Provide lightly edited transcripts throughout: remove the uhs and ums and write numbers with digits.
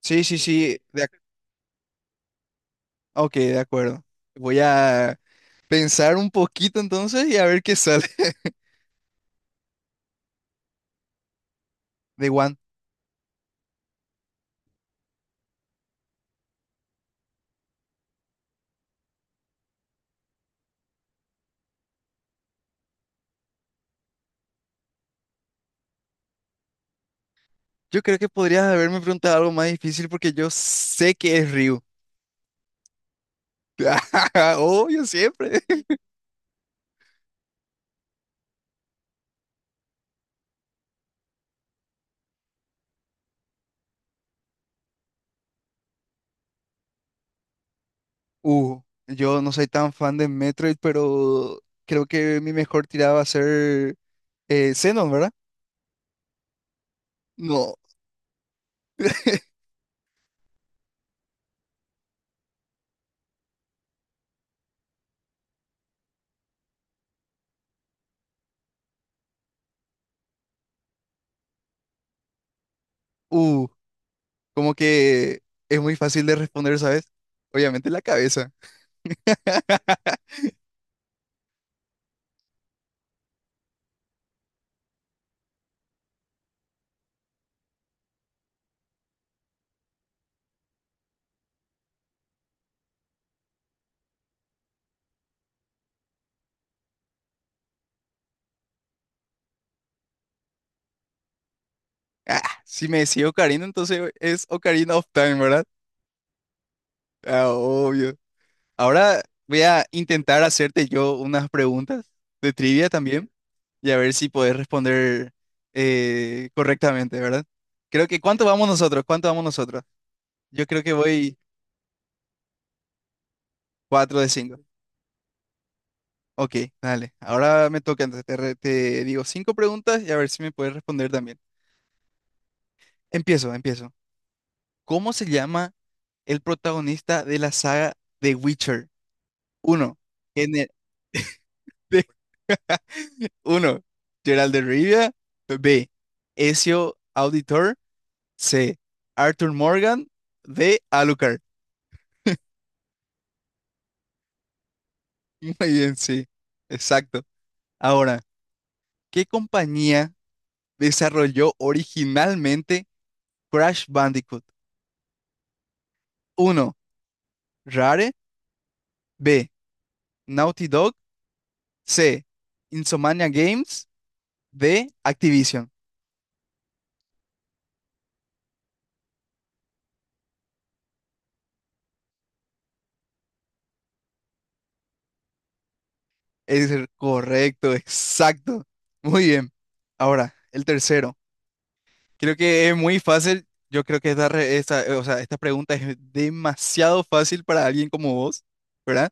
Sí, sí, sí, ok, de acuerdo. Voy a pensar un poquito entonces y a ver qué sale de One. Yo creo que podrías haberme preguntado algo más difícil, porque yo sé que es Ryu. Obvio, siempre. Uh, yo no soy tan fan de Metroid, pero creo que mi mejor tirada va a ser Xenon, ¿verdad? No. Uh, Como que es muy fácil de responder, ¿sabes? Obviamente la cabeza. Ah, si me decía Ocarina, entonces es Ocarina of Time, ¿verdad? Ah, obvio. Ahora voy a intentar hacerte yo unas preguntas de trivia también, y a ver si podés responder correctamente, ¿verdad? Creo que, ¿cuánto vamos nosotros? ¿Cuánto vamos nosotros? Yo creo que voy 4 de 5. Ok, dale. Ahora me toca, entonces te digo cinco preguntas y a ver si me puedes responder también. Empiezo, empiezo. ¿Cómo se llama el protagonista de la saga The Witcher? ¿Uno? de- Uno, Gerald de Rivia. B, Ezio Auditor. C, Arthur Morgan. D, Alucard. Muy bien, sí, exacto. Ahora, ¿qué compañía desarrolló originalmente Crash Bandicoot? Uno, Rare. B, Naughty Dog. C, Insomnia Games. D, Activision. Es el correcto, exacto. Muy bien. Ahora, el tercero. Creo que es muy fácil. Yo creo que esta, o sea, esta pregunta es demasiado fácil para alguien como vos, ¿verdad?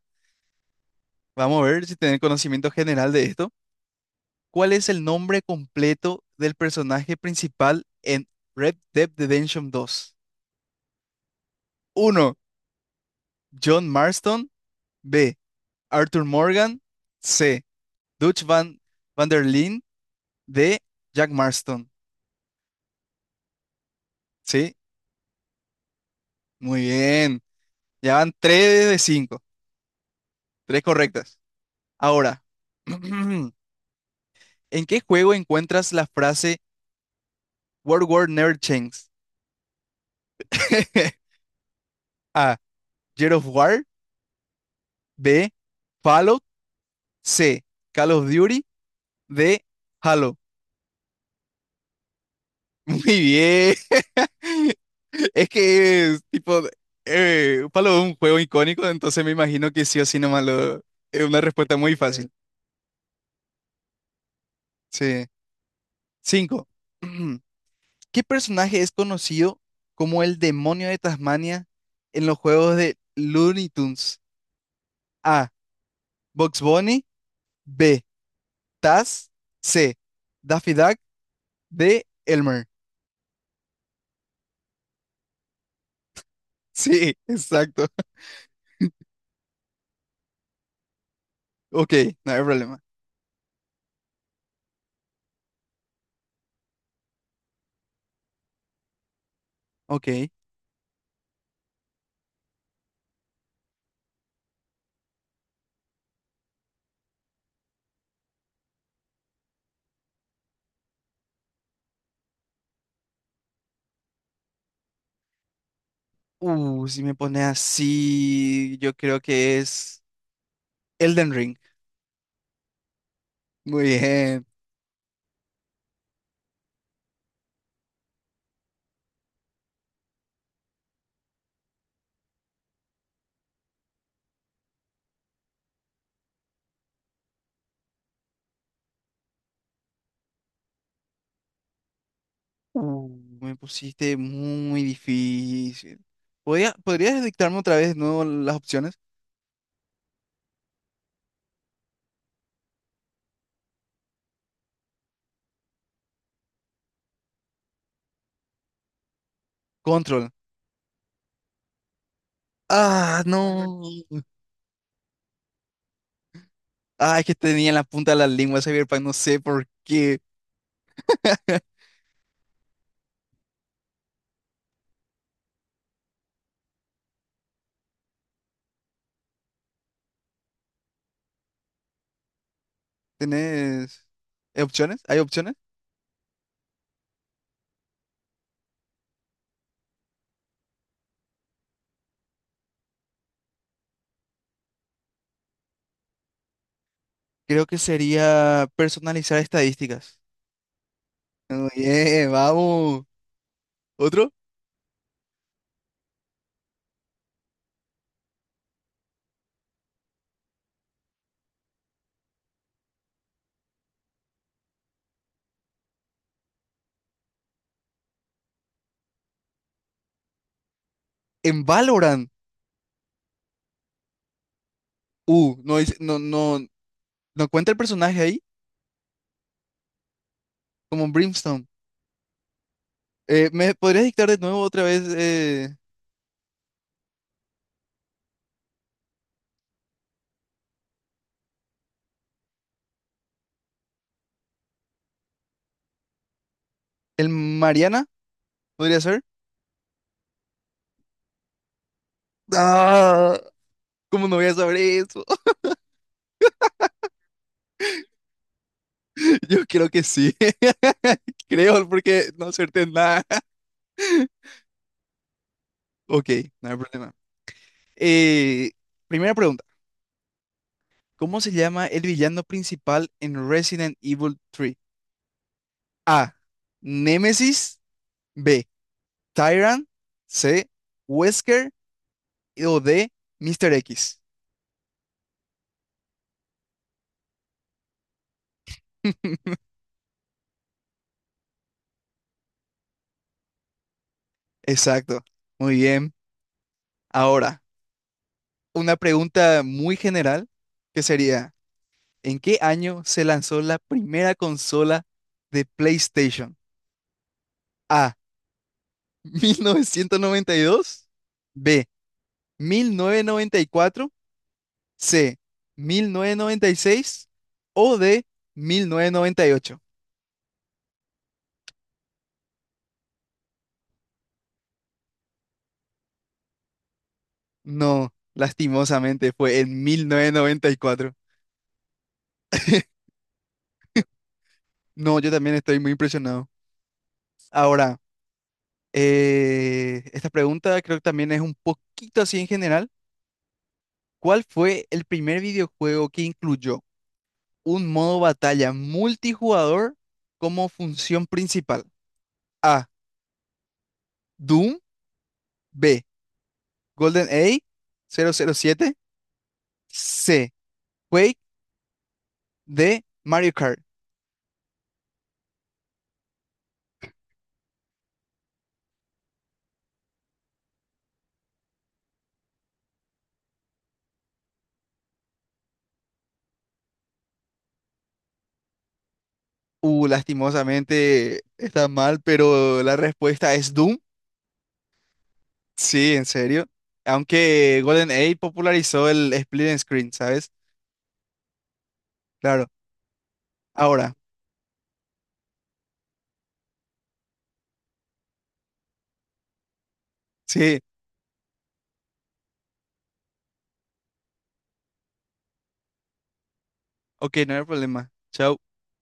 Vamos a ver si tenés conocimiento general de esto. ¿Cuál es el nombre completo del personaje principal en Red Dead Redemption 2? Uno, John Marston. B, Arthur Morgan. C, Dutch Van der Linde. D, Jack Marston. Sí, muy bien. Ya van 3 de 5. Tres correctas. Ahora. ¿En qué juego encuentras la frase World War Never Changes? A, Gears of War. B, Fallout. C, Call of Duty. D, Halo. Muy bien. Es que es tipo, Fallout es un juego icónico, entonces me imagino que sí o sí nomás lo. Es una respuesta muy fácil. Sí. Cinco. ¿Qué personaje es conocido como el demonio de Tasmania en los juegos de Looney Tunes? A, Bugs Bunny. B, Taz. C, Daffy Duck. D, Elmer. Sí, exacto. Ok, no hay problema. Ok. Si me pone así, yo creo que es Elden Ring. Muy bien. Uh, Me pusiste muy difícil. ¿Podrías dictarme otra vez de nuevo las opciones? Control. Ah, no. Ah, es que tenía en la punta de la lengua Cyberpunk, no sé por qué. ¿Tenés opciones? ¿Hay opciones? Creo que sería personalizar estadísticas. Oye, vamos. ¿Otro? En Valorant. No, no, no, no cuenta el personaje ahí, como Brimstone. ¿Me podrías dictar de nuevo otra vez, el Mariana? ¿Podría ser? Ah, ¿cómo no voy a saber eso? Yo creo que sí. Creo, porque no acerté nada. Ok, no hay problema. Eh, Primera pregunta. ¿Cómo se llama el villano principal en Resident Evil 3? A, Némesis. B, Tyrant. C, Wesker. O D, Mr. X. Exacto. Muy bien. Ahora, una pregunta muy general, que sería: ¿en qué año se lanzó la primera consola de PlayStation? A, 1992. B, 1994. C, 1996. O D, 1998. No, lastimosamente fue en 1994. No, yo también estoy muy impresionado. Ahora, esta pregunta creo que también es un poquito así en general. ¿Cuál fue el primer videojuego que incluyó un modo batalla multijugador como función principal? A, Doom. B, GoldenEye 007. C, Quake. D, Mario Kart. Lastimosamente está mal, pero la respuesta es Doom. Sí, en serio. Aunque GoldenEye popularizó el split and screen, ¿sabes? Claro. Ahora, sí. Ok, no hay problema. Chao.